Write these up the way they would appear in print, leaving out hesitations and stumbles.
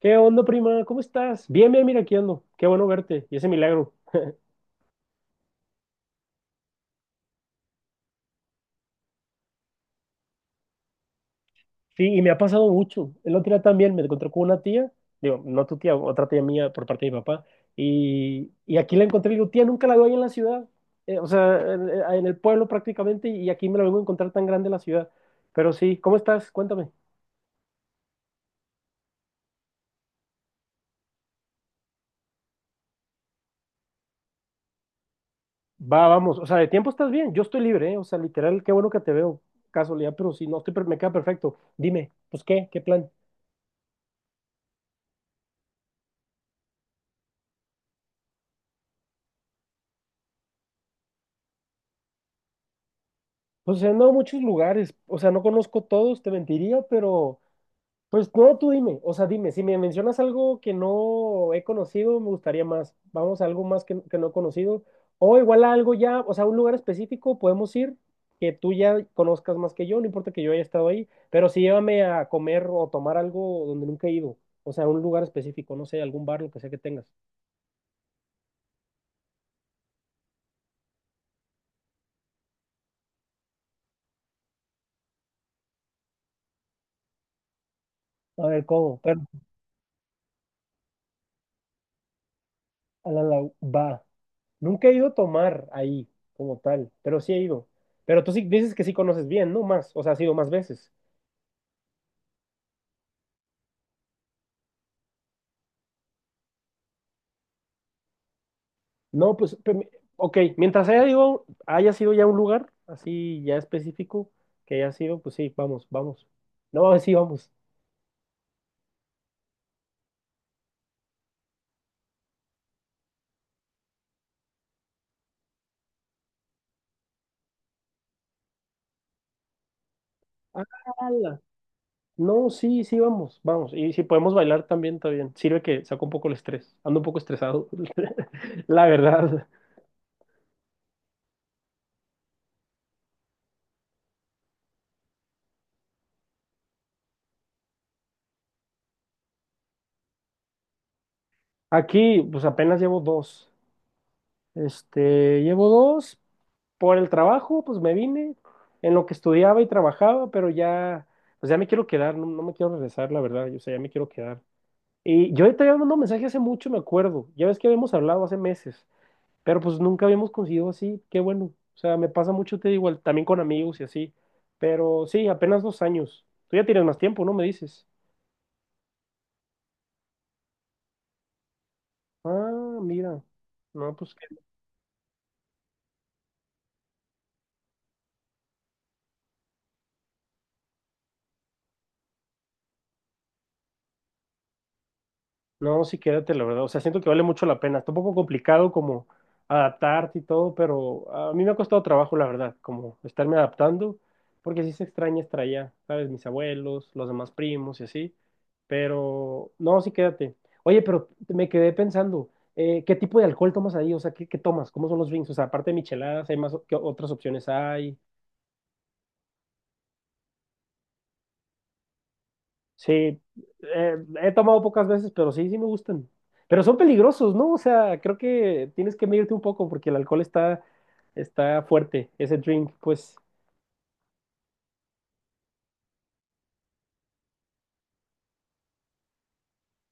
¿Qué onda, prima? ¿Cómo estás? Bien, bien, mira, aquí ando. Qué bueno verte. Y ese milagro. Sí, y me ha pasado mucho. El otro día también me encontré con una tía, digo, no tu tía, otra tía mía por parte de mi papá. Y aquí la encontré y digo, tía, nunca la veo ahí en la ciudad. O sea, en el pueblo prácticamente, y aquí me la vengo a encontrar tan grande en la ciudad. Pero sí, ¿cómo estás? Cuéntame. Va, vamos. O sea, de tiempo estás bien. Yo estoy libre, ¿eh? O sea, literal, qué bueno que te veo. Casualidad, pero si no, me queda perfecto. Dime, pues, ¿qué? ¿Qué plan? Pues he andado a muchos lugares, o sea, no conozco todos, te mentiría, pero pues no, tú dime, o sea, dime, si me mencionas algo que no he conocido, me gustaría más. Vamos a algo más que no he conocido, o igual a algo ya, o sea, un lugar específico podemos ir que tú ya conozcas más que yo, no importa que yo haya estado ahí, pero sí llévame a comer o tomar algo donde nunca he ido, o sea, un lugar específico, no sé, algún bar, lo que sea que tengas. A ver, ¿cómo? Pero va. Nunca he ido a tomar ahí, como tal, pero sí he ido. Pero tú sí dices que sí conoces bien, ¿no? Más, o sea, has ido más veces. No, pues, ok, mientras haya ido, haya sido ya un lugar así ya específico que haya sido, pues sí, vamos, vamos. No, sí, vamos. ¡Hala! No, sí, sí, vamos, vamos. Y si podemos bailar también, está bien. Sirve que saco un poco el estrés. Ando un poco estresado, la verdad. Aquí, pues apenas llevo dos. Este, llevo dos. Por el trabajo, pues me vine en lo que estudiaba y trabajaba, pero ya, pues ya me quiero quedar, no, no me quiero regresar, la verdad, yo, o sea, ya me quiero quedar. Y yo te había mandado un mensaje hace mucho, me acuerdo, ya ves que habíamos hablado hace meses, pero pues nunca habíamos conseguido así, qué bueno, o sea, me pasa mucho, te digo, también con amigos y así, pero sí, apenas dos años, tú ya tienes más tiempo, ¿no? Me dices, ah, mira, no, pues. No, sí, quédate, la verdad. O sea, siento que vale mucho la pena. Está un poco complicado como adaptarte y todo, pero a mí me ha costado trabajo, la verdad, como estarme adaptando, porque sí se extraña estar allá, ¿sabes? Mis abuelos, los demás primos y así. Pero, no, sí, quédate. Oye, pero me quedé pensando, ¿qué tipo de alcohol tomas ahí? O sea, ¿qué, qué tomas? ¿Cómo son los drinks? O sea, aparte de micheladas, ¿hay más, qué otras opciones hay? Sí, he tomado pocas veces, pero sí, sí me gustan. Pero son peligrosos, ¿no? O sea, creo que tienes que medirte un poco porque el alcohol está fuerte, ese drink, pues.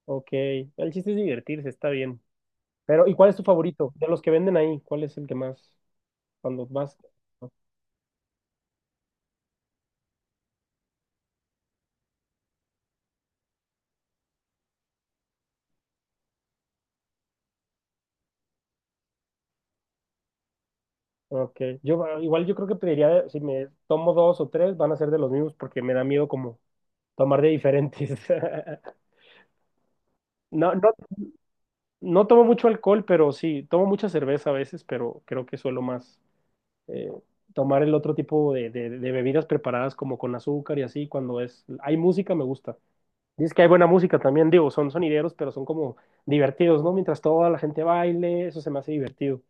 Ok, el chiste es divertirse, está bien. Pero, ¿y cuál es tu favorito? De los que venden ahí, ¿cuál es el que más, cuando más? Ok, yo igual yo creo que pediría, si me tomo dos o tres, van a ser de los mismos porque me da miedo como tomar de diferentes. No, no. No tomo mucho alcohol, pero sí, tomo mucha cerveza a veces, pero creo que suelo más eh, tomar el otro tipo de bebidas preparadas como con azúcar y así, cuando es, hay música me gusta. Dices que hay buena música también, digo, son sonideros, pero son como divertidos, ¿no? Mientras toda la gente baile, eso se me hace divertido.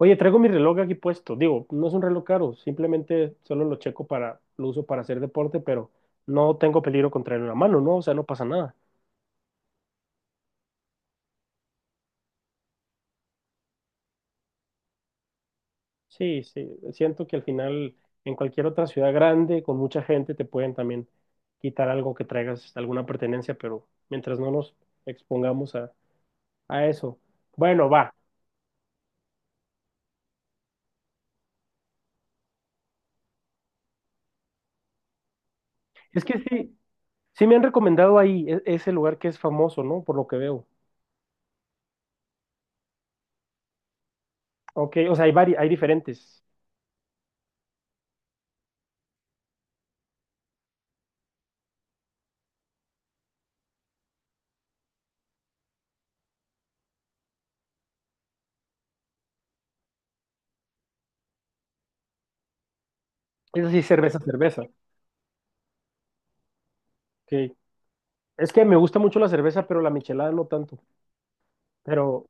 Oye, traigo mi reloj aquí puesto, digo, no es un reloj caro, simplemente solo lo checo para, lo uso para hacer deporte, pero no tengo peligro contra la mano, ¿no? O sea, no pasa nada. Sí, sí, siento que al final en cualquier otra ciudad grande con mucha gente te pueden también quitar algo que traigas, alguna pertenencia, pero mientras no nos expongamos a eso. Bueno, va. Es que sí, sí me han recomendado ahí ese lugar que es famoso, ¿no? Por lo que veo. Ok, o sea, hay diferentes. Es así, cerveza, cerveza. Ok. Es que me gusta mucho la cerveza, pero la michelada no tanto. Pero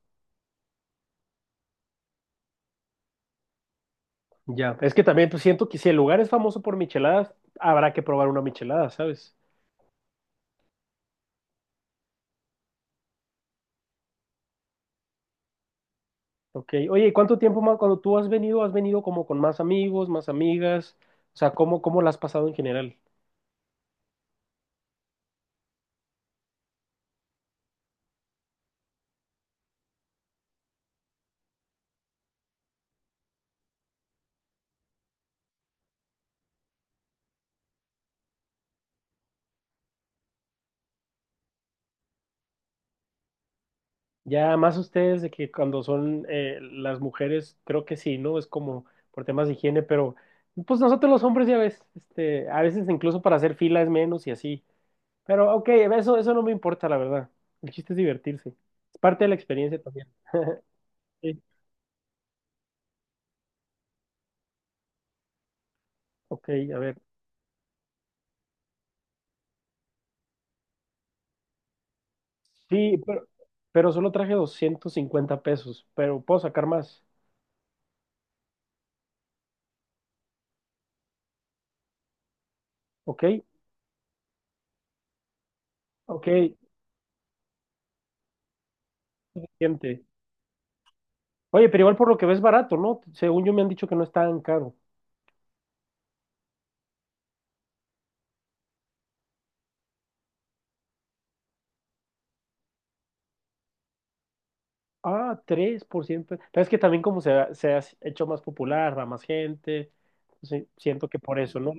ya, es que también pues, siento que si el lugar es famoso por micheladas, habrá que probar una michelada, ¿sabes? Ok, oye, ¿y cuánto tiempo más cuando tú has venido? ¿Has venido como con más amigos, más amigas? O sea, ¿cómo, cómo la has pasado en general? Ya más ustedes de que cuando son las mujeres, creo que sí, ¿no? Es como por temas de higiene, pero pues nosotros los hombres ya ves, este, a veces incluso para hacer fila es menos y así. Pero ok, eso no me importa, la verdad. El chiste es divertirse. Es parte de la experiencia también. Sí, ok, a ver. Sí, pero solo traje 250 pesos, pero puedo sacar más, ¿ok? Ok, gente. Oye, pero igual por lo que ves barato, ¿no? Según yo me han dicho que no es tan caro. Ah, 3%. Pero es que también como se ha hecho más popular, va más gente. Sí, siento que por eso, ¿no?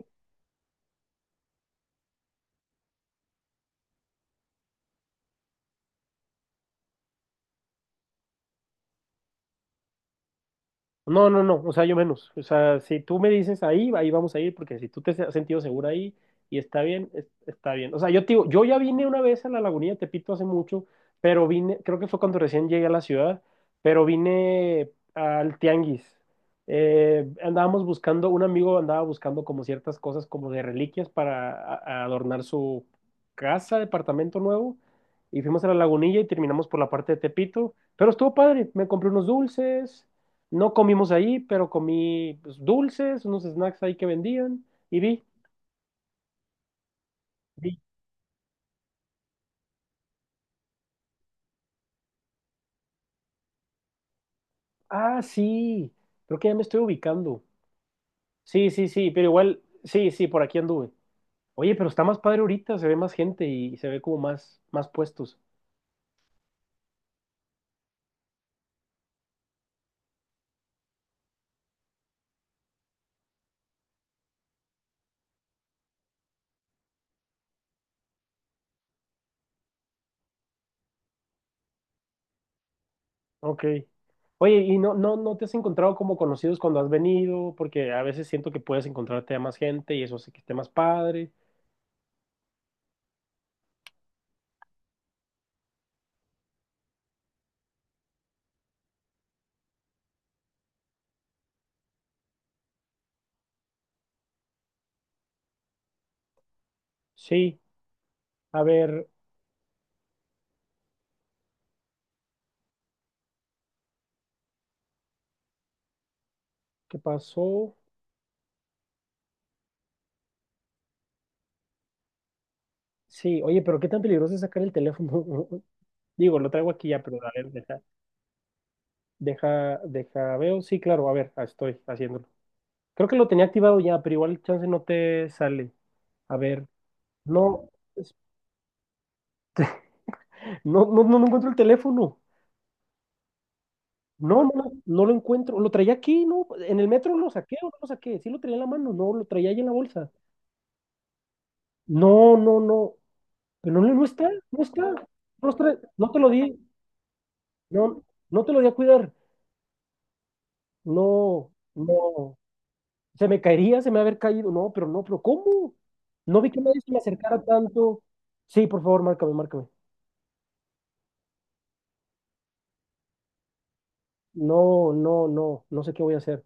No, no, no, o sea, yo menos. O sea, si tú me dices ahí, ahí vamos a ir, porque si tú te has sentido segura ahí y está bien, está bien. O sea, yo te digo, yo ya vine una vez a la Lagunilla de Tepito hace mucho, pero vine, creo que fue cuando recién llegué a la ciudad, pero vine al Tianguis. Andábamos buscando, un amigo andaba buscando como ciertas cosas como de reliquias para a adornar su casa, departamento nuevo, y fuimos a la Lagunilla y terminamos por la parte de Tepito, pero estuvo padre, me compré unos dulces. No comimos ahí, pero comí pues, dulces, unos snacks ahí que vendían y vi. Ah, sí, creo que ya me estoy ubicando. Sí, sí, sí, pero igual, sí, sí, por aquí anduve. Oye, pero está más padre ahorita, se ve más gente y se ve como más, más puestos. Ok. Oye, ¿y no, no, no te has encontrado como conocidos cuando has venido? Porque a veces siento que puedes encontrarte a más gente y eso hace que esté más padre. Sí, a ver, ¿qué pasó? Sí, oye, pero qué tan peligroso es sacar el teléfono. Digo, lo traigo aquí ya, pero a ver, deja, deja, deja, veo. Sí, claro, a ver, estoy haciéndolo. Creo que lo tenía activado ya, pero igual chance no te sale. A ver, no, es- no, no, no, no encuentro el teléfono. No, no, no, no lo encuentro. Lo traía aquí, ¿no? En el metro lo saqué o no lo saqué. Sí lo traía en la mano, no, lo traía ahí en la bolsa. No, no, no. Pero no, no está, no está. No, no te lo di. No, no te lo di a cuidar. No, no. Se me caería, se me va a haber caído. No, pero no, pero ¿cómo? No vi que nadie se me acercara tanto. Sí, por favor, márcame, márcame. No, no, no, no sé qué voy a hacer.